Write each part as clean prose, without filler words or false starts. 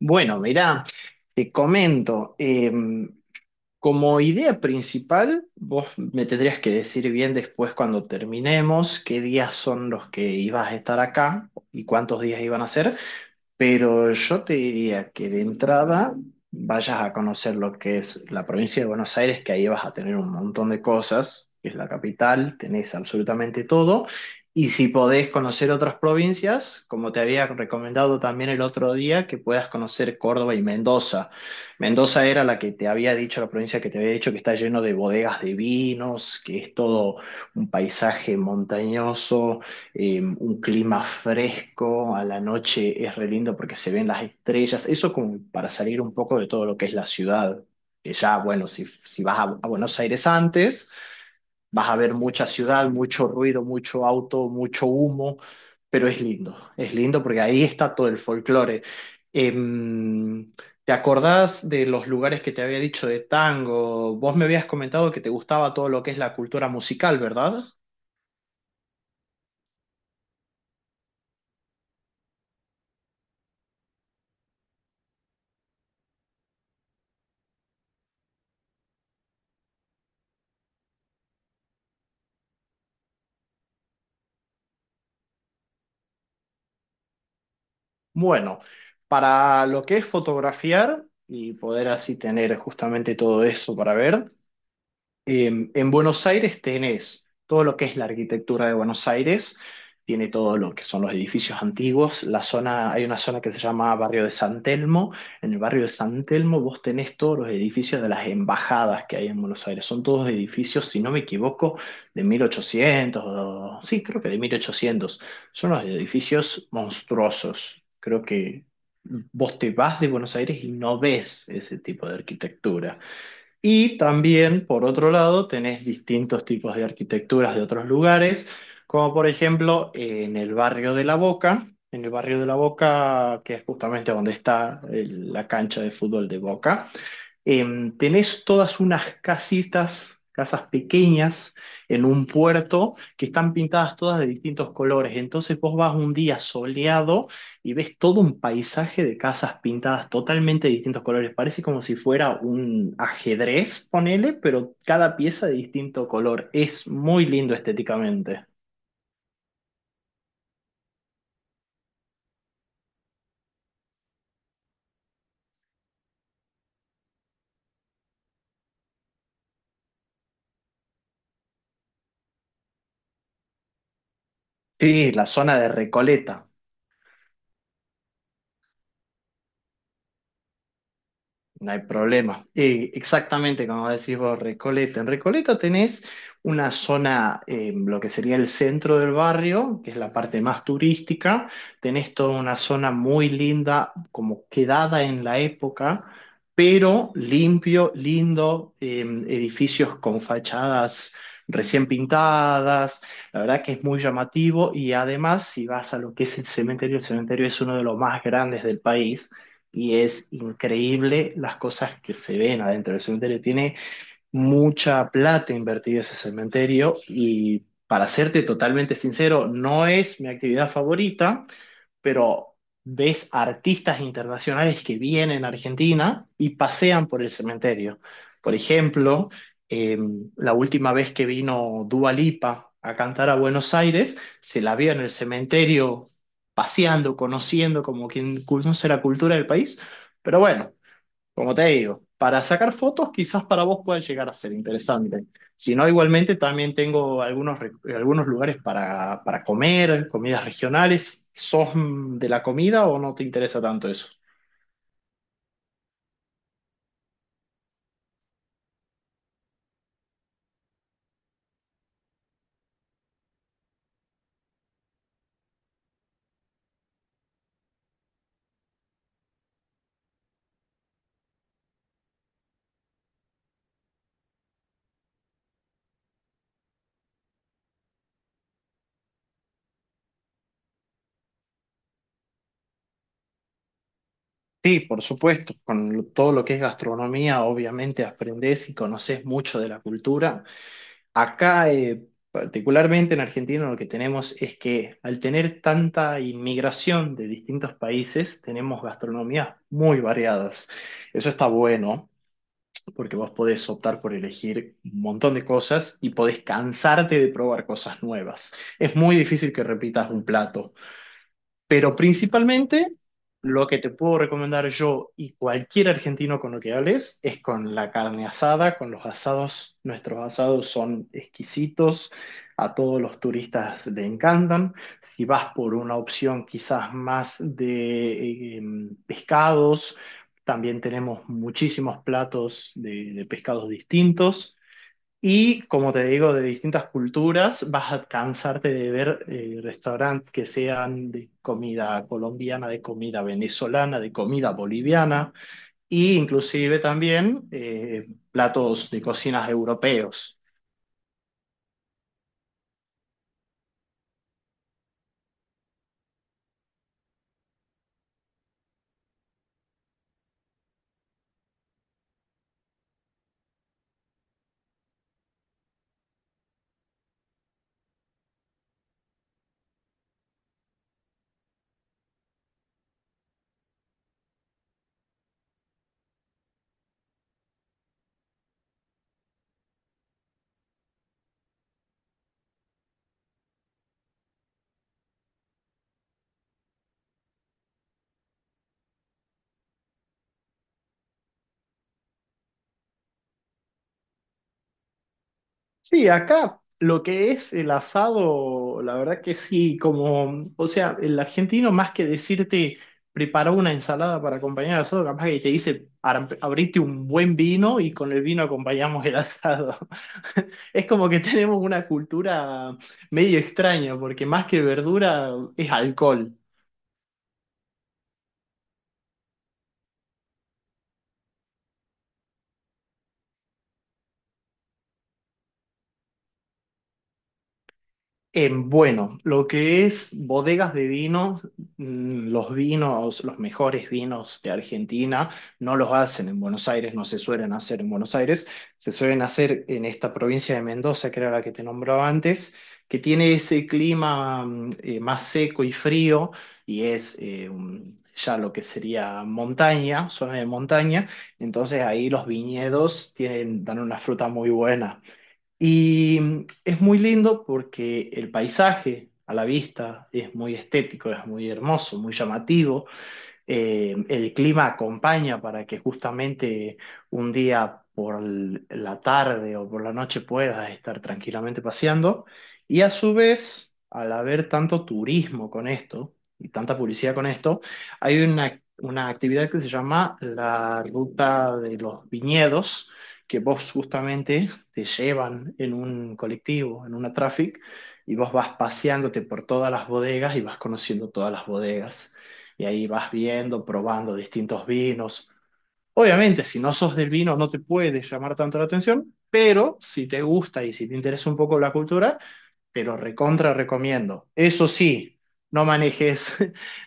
Bueno, mirá, te comento. Como idea principal, vos me tendrías que decir bien después cuando terminemos qué días son los que ibas a estar acá y cuántos días iban a ser, pero yo te diría que de entrada vayas a conocer lo que es la provincia de Buenos Aires, que ahí vas a tener un montón de cosas, que es la capital, tenés absolutamente todo, y si podés conocer otras provincias, como te había recomendado también el otro día, que puedas conocer Córdoba y Mendoza. Mendoza era la que te había dicho, la provincia que te había dicho que está lleno de bodegas de vinos, que es todo un paisaje montañoso, un clima fresco, a la noche es re lindo porque se ven las estrellas, eso como para salir un poco de todo lo que es la ciudad, que ya, bueno, si vas a Buenos Aires antes. Vas a ver mucha ciudad, mucho ruido, mucho auto, mucho humo, pero es lindo porque ahí está todo el folclore. Em, ¿Te acordás de los lugares que te había dicho de tango? Vos me habías comentado que te gustaba todo lo que es la cultura musical, ¿verdad? Bueno, para lo que es fotografiar y poder así tener justamente todo eso para ver. En Buenos Aires tenés todo lo que es la arquitectura de Buenos Aires, tiene todo lo que son los edificios antiguos, la zona, hay una zona que se llama Barrio de San Telmo, en el barrio de San Telmo vos tenés todos los edificios de las embajadas que hay en Buenos Aires, son todos edificios, si no me equivoco, de 1800, sí, creo que de 1800. Son los edificios monstruosos, creo que vos te vas de Buenos Aires y no ves ese tipo de arquitectura. Y también, por otro lado, tenés distintos tipos de arquitecturas de otros lugares, como por ejemplo en el barrio de La Boca, en el barrio de La Boca, que es justamente donde está la cancha de fútbol de Boca. Tenés todas unas casitas, casas pequeñas en un puerto que están pintadas todas de distintos colores. Entonces vos vas un día soleado y ves todo un paisaje de casas pintadas totalmente de distintos colores. Parece como si fuera un ajedrez, ponele, pero cada pieza de distinto color. Es muy lindo estéticamente. Sí, la zona de Recoleta. No hay problema. Exactamente como decís vos, Recoleta. En Recoleta tenés una zona, lo que sería el centro del barrio, que es la parte más turística. Tenés toda una zona muy linda, como quedada en la época, pero limpio, lindo, edificios con fachadas recién pintadas. La verdad que es muy llamativo y además, si vas a lo que es el cementerio es uno de los más grandes del país y es increíble las cosas que se ven adentro del cementerio. Tiene mucha plata invertida ese cementerio y para serte totalmente sincero, no es mi actividad favorita, pero ves artistas internacionales que vienen a Argentina y pasean por el cementerio. Por ejemplo, eh, la última vez que vino Dua Lipa a cantar a Buenos Aires, se la vio en el cementerio paseando, conociendo como quien conoce la cultura del país. Pero bueno, como te digo, para sacar fotos quizás para vos pueda llegar a ser interesante. Si no, igualmente también tengo algunos, algunos lugares para comer, comidas regionales. ¿Sos de la comida o no te interesa tanto eso? Sí, por supuesto, con todo lo que es gastronomía, obviamente aprendés y conoces mucho de la cultura. Acá, particularmente en Argentina, lo que tenemos es que al tener tanta inmigración de distintos países, tenemos gastronomías muy variadas. Eso está bueno, porque vos podés optar por elegir un montón de cosas y podés cansarte de probar cosas nuevas. Es muy difícil que repitas un plato. Pero principalmente, lo que te puedo recomendar yo y cualquier argentino con lo que hables es con la carne asada, con los asados. Nuestros asados son exquisitos, a todos los turistas le encantan. Si vas por una opción quizás más de pescados, también tenemos muchísimos platos de pescados distintos. Y como te digo, de distintas culturas, vas a cansarte de ver restaurantes que sean de comida colombiana, de comida venezolana, de comida boliviana, e inclusive también platos de cocinas europeos. Sí, acá lo que es el asado, la verdad que sí, como, o sea, el argentino más que decirte prepara una ensalada para acompañar el asado, capaz que te dice abrite un buen vino y con el vino acompañamos el asado. Es como que tenemos una cultura medio extraña, porque más que verdura es alcohol. Bueno, lo que es bodegas de vinos, los vinos, los mejores vinos de Argentina, no los hacen en Buenos Aires, no se suelen hacer en Buenos Aires, se suelen hacer en esta provincia de Mendoza, que era la que te nombraba antes, que tiene ese clima más seco y frío, y es ya lo que sería montaña, zona de montaña, entonces ahí los viñedos tienen, dan una fruta muy buena. Y es muy lindo porque el paisaje a la vista es muy estético, es muy hermoso, muy llamativo el clima acompaña para que justamente un día por la tarde o por la noche puedas estar tranquilamente paseando. Y a su vez, al haber tanto turismo con esto y tanta publicidad con esto, hay una actividad que se llama la ruta de los viñedos, que vos justamente te llevan en un colectivo, en una traffic, y vos vas paseándote por todas las bodegas y vas conociendo todas las bodegas y ahí vas viendo, probando distintos vinos. Obviamente, si no sos del vino, no te puede llamar tanto la atención, pero si te gusta y si te interesa un poco la cultura, pero recontra recomiendo. Eso sí, no manejes,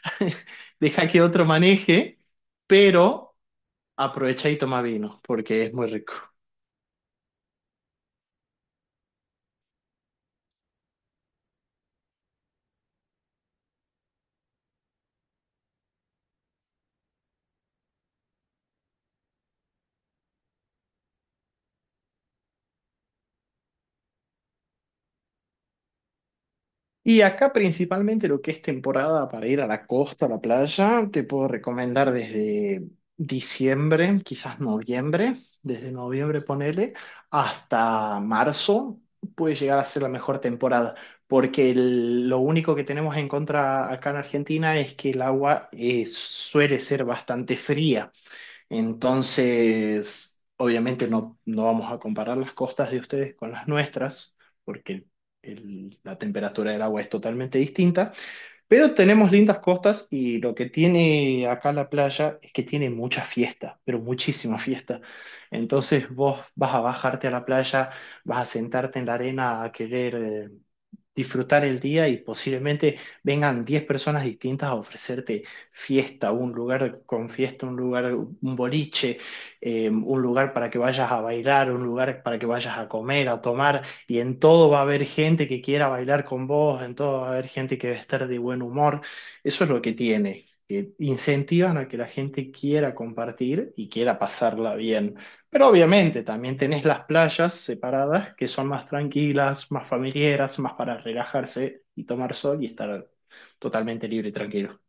deja que otro maneje, pero aprovecha y toma vino, porque es muy rico. Y acá principalmente lo que es temporada para ir a la costa, a la playa, te puedo recomendar desde diciembre, quizás noviembre, desde noviembre ponele, hasta marzo puede llegar a ser la mejor temporada, porque lo único que tenemos en contra acá en Argentina es que el agua suele ser bastante fría. Entonces, obviamente no vamos a comparar las costas de ustedes con las nuestras, porque la temperatura del agua es totalmente distinta. Pero tenemos lindas costas y lo que tiene acá la playa es que tiene mucha fiesta, pero muchísima fiesta. Entonces vos vas a bajarte a la playa, vas a sentarte en la arena a querer disfrutar el día y posiblemente vengan 10 personas distintas a ofrecerte fiesta, un lugar con fiesta, un lugar, un boliche, un lugar para que vayas a bailar, un lugar para que vayas a comer, a tomar y en todo va a haber gente que quiera bailar con vos, en todo va a haber gente que va a estar de buen humor. Eso es lo que tiene, que incentivan a que la gente quiera compartir y quiera pasarla bien. Pero obviamente también tenés las playas separadas que son más tranquilas, más familiares, más para relajarse y tomar sol y estar totalmente libre y tranquilo.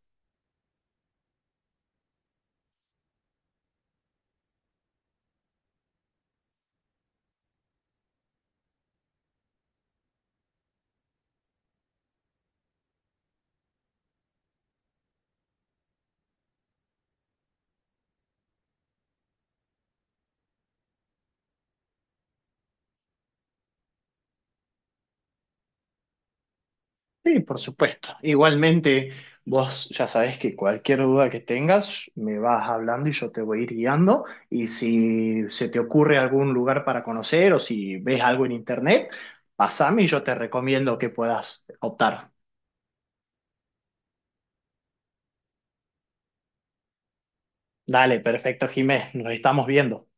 Sí, por supuesto. Igualmente, vos ya sabés que cualquier duda que tengas, me vas hablando y yo te voy a ir guiando. Y si se te ocurre algún lugar para conocer o si ves algo en internet, pasame y yo te recomiendo que puedas optar. Dale, perfecto, Jimé. Nos estamos viendo.